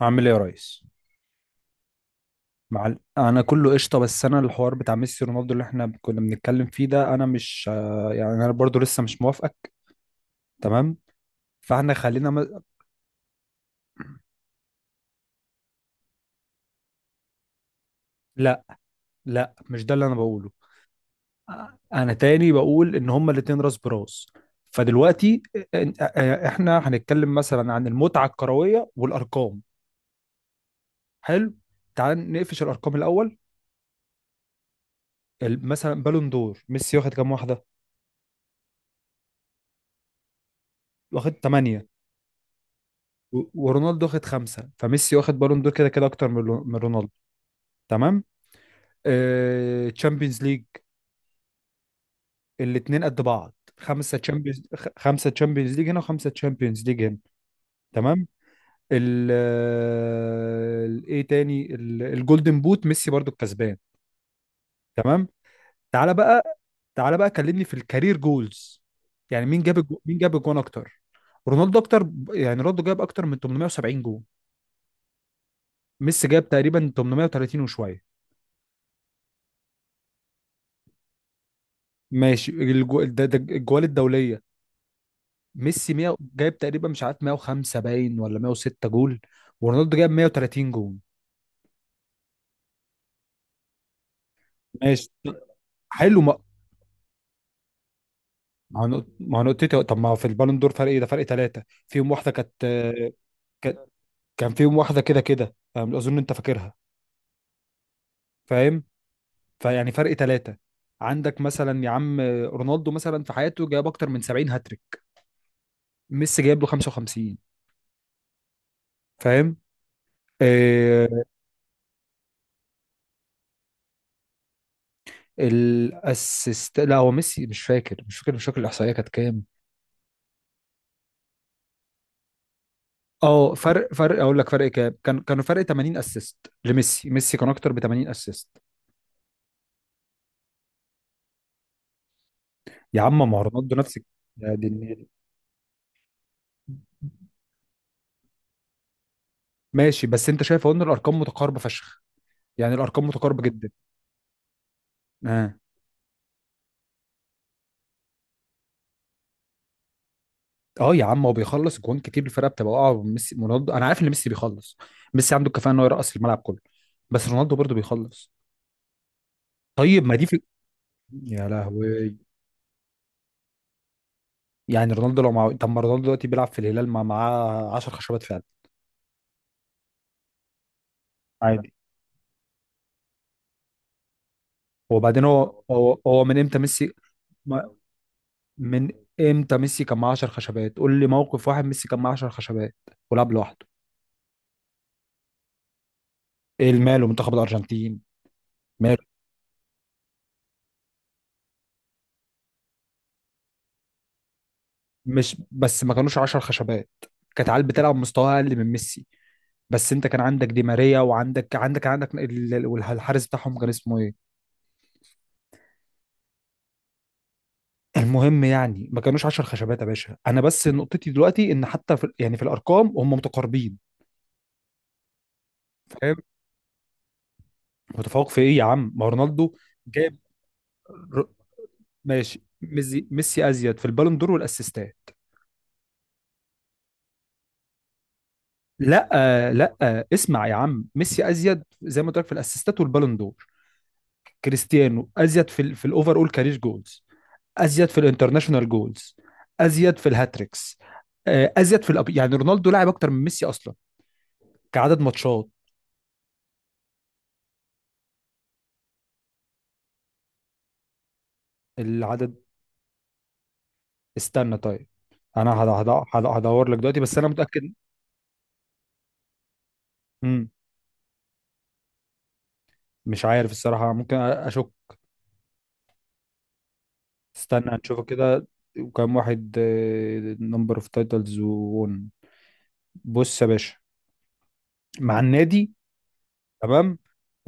عامل ايه يا ريس؟ انا كله قشطه. بس انا الحوار بتاع ميسي رونالدو اللي احنا كنا بنتكلم فيه ده انا مش، يعني انا برضو لسه مش موافقك. تمام. فاحنا خلينا م... لا، لا، مش ده اللي انا بقوله. انا تاني بقول ان هما الاتنين راس براس. فدلوقتي، احنا هنتكلم مثلا عن المتعه الكرويه والارقام. حلو. تعال نقفش الارقام الاول. مثلا بالون دور ميسي واخد كام واحده؟ واخد 8. ورونالدو واخد خمسة، فميسي واخد بالون دور كده كده اكتر من من رونالدو. تمام. تشامبيونز ليج، الاثنين قد بعض. خمسه تشامبيونز. خمسه تشامبيونز ليج هنا وخمسه تشامبيونز ليج هنا. تمام. ايه تاني؟ الجولدن بوت ميسي برضو الكسبان. تمام. تعالى بقى. تعالى بقى كلمني في الكارير جولز. يعني مين جاب مين جاب الجون اكتر؟ رونالدو اكتر، يعني رونالدو جاب اكتر من 870 جون. ميسي جاب تقريبا 830 وشويه. ماشي، ده الجوال الدوليه. ميسي 100 جايب تقريبا، مش عارف 105 باين ولا 106 جول. ورونالدو جايب 130 جول. ماشي. حلو ما. ما هو نقطتي. طب ما هو في البالون دور فرق ايه؟ ده فرق ثلاثة، فيهم واحدة كانت. كانت- كان فيهم واحدة كده كده، فاهم؟ أظن أنت فاكرها. فاهم. فيعني فرق ثلاثة. عندك مثلا يا عم رونالدو، مثلا في حياته جايب أكتر من 70 هاتريك. ميسي جايب له 55. فاهم. آه. الاسيست، لا هو ميسي مش فاكر، مش فاكر الإحصائية كانت كام؟ اه، فرق اقول لك، فرق كام كانوا فرق 80 اسيست. لميسي، ميسي كان اكتر ب 80 اسيست. يا عم ما هو رونالدو نفس يا دي النيل. ماشي، بس انت شايف اهو ان الارقام متقاربه فشخ. يعني الارقام متقاربه جدا. اه. اه يا عم، هو بيخلص جوان كتير، الفرقه بتبقى واقعه. ميسي رونالدو انا عارف ان ميسي بيخلص. ميسي عنده الكفاءه ان هو يرقص الملعب كله. بس رونالدو برضه بيخلص. طيب ما دي في. يا لهوي. يعني رونالدو لو معاه، طب ما رونالدو دلوقتي بيلعب في الهلال معاه 10 خشبات فعلا. عادي. وبعدين هو من امتى ميسي، من امتى ميسي كان معاه 10 خشبات؟ قول لي موقف واحد ميسي كان معاه 10 خشبات ولعب لوحده. ايه الماله منتخب الارجنتين؟ ماله. مش بس ما كانوش 10 خشبات، كانت عيال بتلعب مستوى اقل من ميسي. بس انت كان عندك دي ماريا وعندك عندك عندك والحارس بتاعهم كان اسمه ايه. المهم يعني ما كانوش 10 خشبات يا باشا. انا بس نقطتي دلوقتي ان حتى في، يعني في الارقام، هم متقاربين. فاهم. متفوق في ايه يا عم؟ ما رونالدو جاب، ر- ماشي، ميسي ازيد في البالون دور والاسيستات. لا، لا، اسمع يا عم، ميسي ازيد زي ما قلت لك في الاسيستات والبالون دور. كريستيانو ازيد في في الاوفر اول كارير جولز. ازيد في الانترناشونال جولز. ازيد في الهاتريكس. ازيد في يعني رونالدو لاعب اكتر من ميسي اصلا، كعدد ماتشات. العدد، استنى طيب، انا هدور لك دلوقتي، بس انا متاكد. مم. مش عارف الصراحه، ممكن اشك. استنى نشوفه كده. وكم واحد. نمبر اوف تايتلز وون. بص يا باشا، مع النادي. تمام.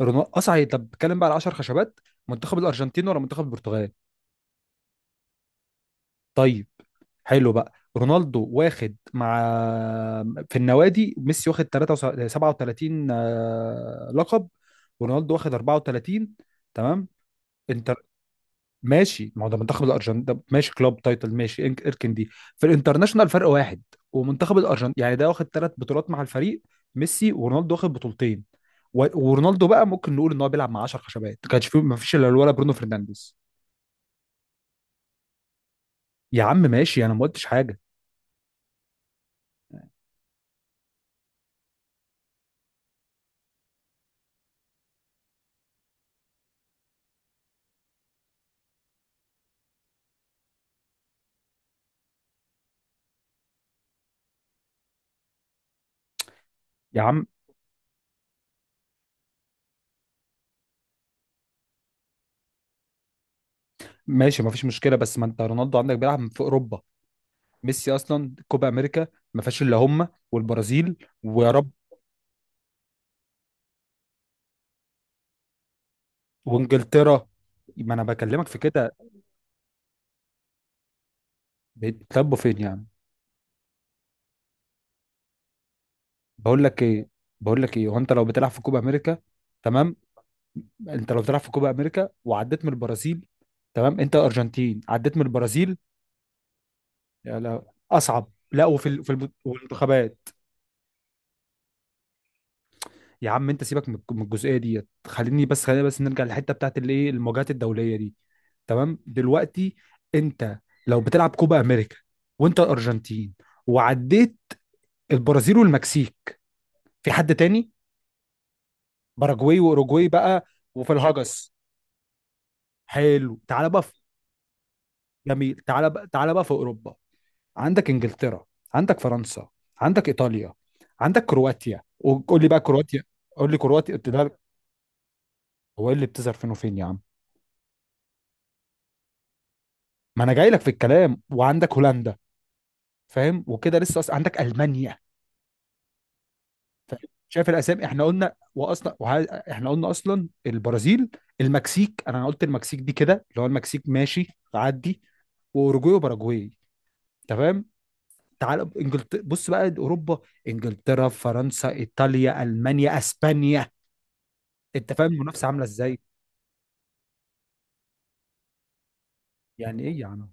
رونالدو اصعي، طب بتكلم بقى على 10 خشبات، منتخب الارجنتين ولا منتخب البرتغال؟ طيب. حلو بقى رونالدو واخد مع، في النوادي ميسي واخد 3 37 لقب. ورونالدو واخد 34. تمام. انت ماشي، ما هو ده منتخب الارجنتين، ده ماشي كلوب تايتل ماشي اركن دي. في الانترناشونال فرق واحد. ومنتخب الارجنتين يعني ده واخد ثلاث بطولات مع الفريق. ميسي، ورونالدو واخد بطولتين. ورونالدو بقى ممكن نقول ان هو بيلعب مع 10 خشبات، ما كانش فيه، ما فيش الا ولا برونو فرنانديز. يا عم ماشي، انا ما قلتش حاجه. يا عم ماشي، ما فيش مشكله، بس ما انت رونالدو عندك بيلعب في اوروبا. ميسي اصلا كوبا امريكا، ما فيهاش الا هم والبرازيل، ويا رب. وانجلترا. ما انا بكلمك في كده. بيتلبوا فين يعني؟ بقول لك ايه، بقول لك ايه، وانت لو بتلعب في كوبا امريكا. تمام. انت لو بتلعب في كوبا امريكا وعديت من البرازيل، تمام، انت ارجنتين عديت من البرازيل. يا لا، اصعب لا، وفي والمنتخبات. يا عم انت سيبك من من الجزئيه ديت، خليني بس، خلينا بس نرجع للحته بتاعت الايه، المواجهات الدوليه دي. تمام دلوقتي، انت لو بتلعب كوبا امريكا وانت ارجنتين، وعديت البرازيل والمكسيك، في حد تاني؟ باراجواي واوروجواي بقى. وفي الهجس. حلو، تعال بقى. جميل، تعال بقى في اوروبا. عندك انجلترا، عندك فرنسا، عندك ايطاليا، عندك كرواتيا، وقول لي بقى كرواتيا، قول لي كرواتيا قلت ده. هو إيه اللي بتظهر فين وفين يا عم؟ ما انا جاي لك في الكلام، وعندك هولندا. فاهم؟ وكده لسه أصلا عندك المانيا. فاهم؟ شايف الاسامي؟ احنا قلنا واصلا احنا قلنا اصلا البرازيل، المكسيك، انا قلت المكسيك دي كده اللي هو المكسيك ماشي تعدي، واوروجواي وباراجواي. تمام. تعال انجلترا، بص بقى اوروبا: انجلترا، فرنسا، ايطاليا، المانيا، اسبانيا. انت فاهم المنافسه عامله ازاي؟ يعني ايه يا عم؟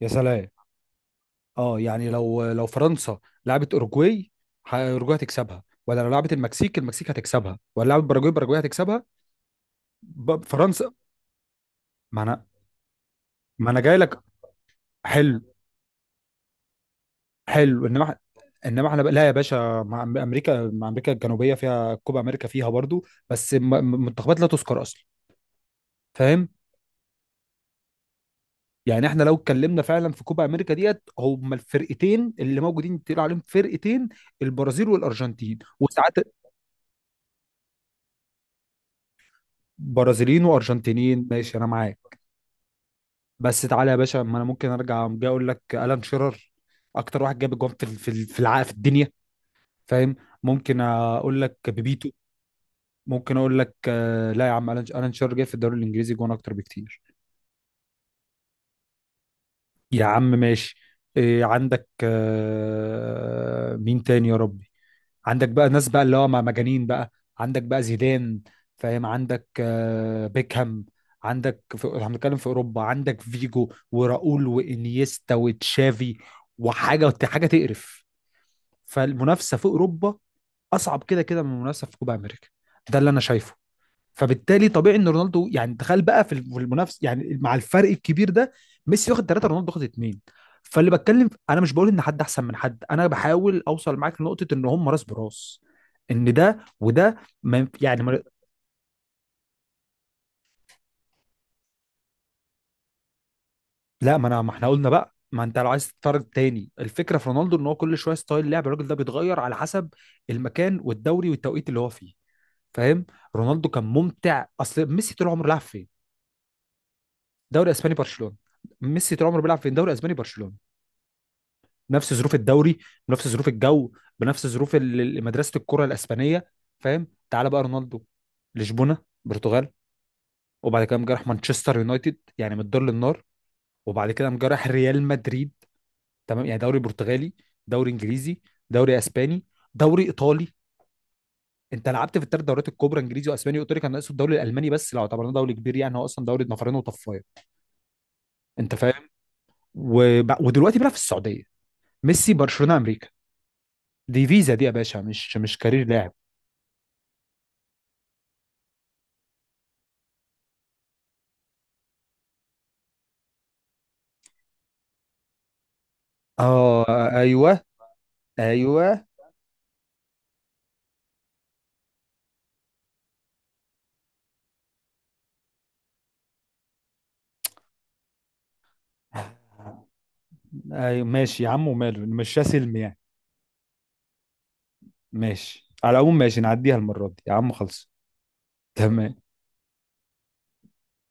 يا سلام. اه يعني لو فرنسا لعبت اوروجواي، اوروجواي هتكسبها، ولا لو لعبت المكسيك المكسيك هتكسبها، ولا لعبت باراجواي باراجواي هتكسبها؟ فرنسا. ما انا، ما انا جاي لك. حلو. حلو، انما لا يا باشا، مع امريكا، مع امريكا الجنوبيه فيها كوبا امريكا، فيها برضو بس منتخبات لا تذكر اصلا. فاهم. يعني احنا لو اتكلمنا فعلا في كوبا امريكا ديت، هما الفرقتين اللي موجودين تقول عليهم فرقتين، البرازيل والارجنتين، وساعات برازيليين وارجنتينيين. ماشي انا معاك. بس تعالى يا باشا، ما انا ممكن ارجع جاي اقول لك الان شيرر اكتر واحد جاب جوان في ال- في ال- في الع- في الدنيا. فاهم. ممكن اقول لك بيبيتو. ممكن اقول لك لا يا عم، الان شيرر جاي في الدوري الانجليزي جوان اكتر بكتير. يا عم ماشي. إيه عندك مين تاني يا ربي؟ عندك بقى ناس بقى اللي هو مع مجانين بقى. عندك بقى زيدان. فاهم؟ عندك بيكهام. عندك احنا بنتكلم في اوروبا، عندك فيجو وراؤول وانيستا وتشافي، وحاجه حاجه تقرف. فالمنافسه في اوروبا اصعب كده كده من المنافسه في كوبا امريكا، ده اللي انا شايفه. فبالتالي طبيعي ان رونالدو، يعني تخيل بقى في المنافس، يعني مع الفرق الكبير ده، ميسي واخد ثلاثه رونالدو واخد اثنين. فاللي بتكلم انا مش بقول ان حد احسن من حد، انا بحاول اوصل معاك لنقطه ان هم راس براس، ان ده وده. ما ينف- يعني ما، لا، ما احنا قلنا بقى، ما انت لو عايز تتفرج تاني، الفكره في رونالدو ان هو كل شويه ستايل لعب الراجل ده بيتغير على حسب المكان والدوري والتوقيت اللي هو فيه. فاهم. رونالدو كان ممتع، اصل ميسي طول عمره لعب فين؟ دوري اسباني، برشلونه. ميسي طول عمره بيلعب فين؟ دوري اسباني، برشلونه، بنفس ظروف الدوري، بنفس ظروف الجو، بنفس ظروف مدرسه الكره الاسبانيه. فاهم؟ تعال بقى رونالدو، لشبونه، برتغال، وبعد كده قام جراح مانشستر يونايتد، يعني من الدار للنار. وبعد كده قام جراح ريال مدريد. تمام يعني دوري برتغالي، دوري انجليزي، دوري اسباني، دوري ايطالي. انت لعبت في الثلاث دوريات الكبرى، انجليزي واسباني وايطالي، كان ناقصه الدوري الالماني، بس لو اعتبرناه دوري كبير، يعني هو اصلا دوري نفرين وطفايه. انت فاهم؟ ودلوقتي بقى في السعوديه. ميسي، برشلونه، امريكا، دي فيزا دي يا باشا، مش كارير لاعب. اه ايوه. ايوه. ايوه ماشي يا عم، وماله نمشيها سلم يعني. ماشي، على العموم ماشي، نعديها المرة دي يا عم، خلص. تمام.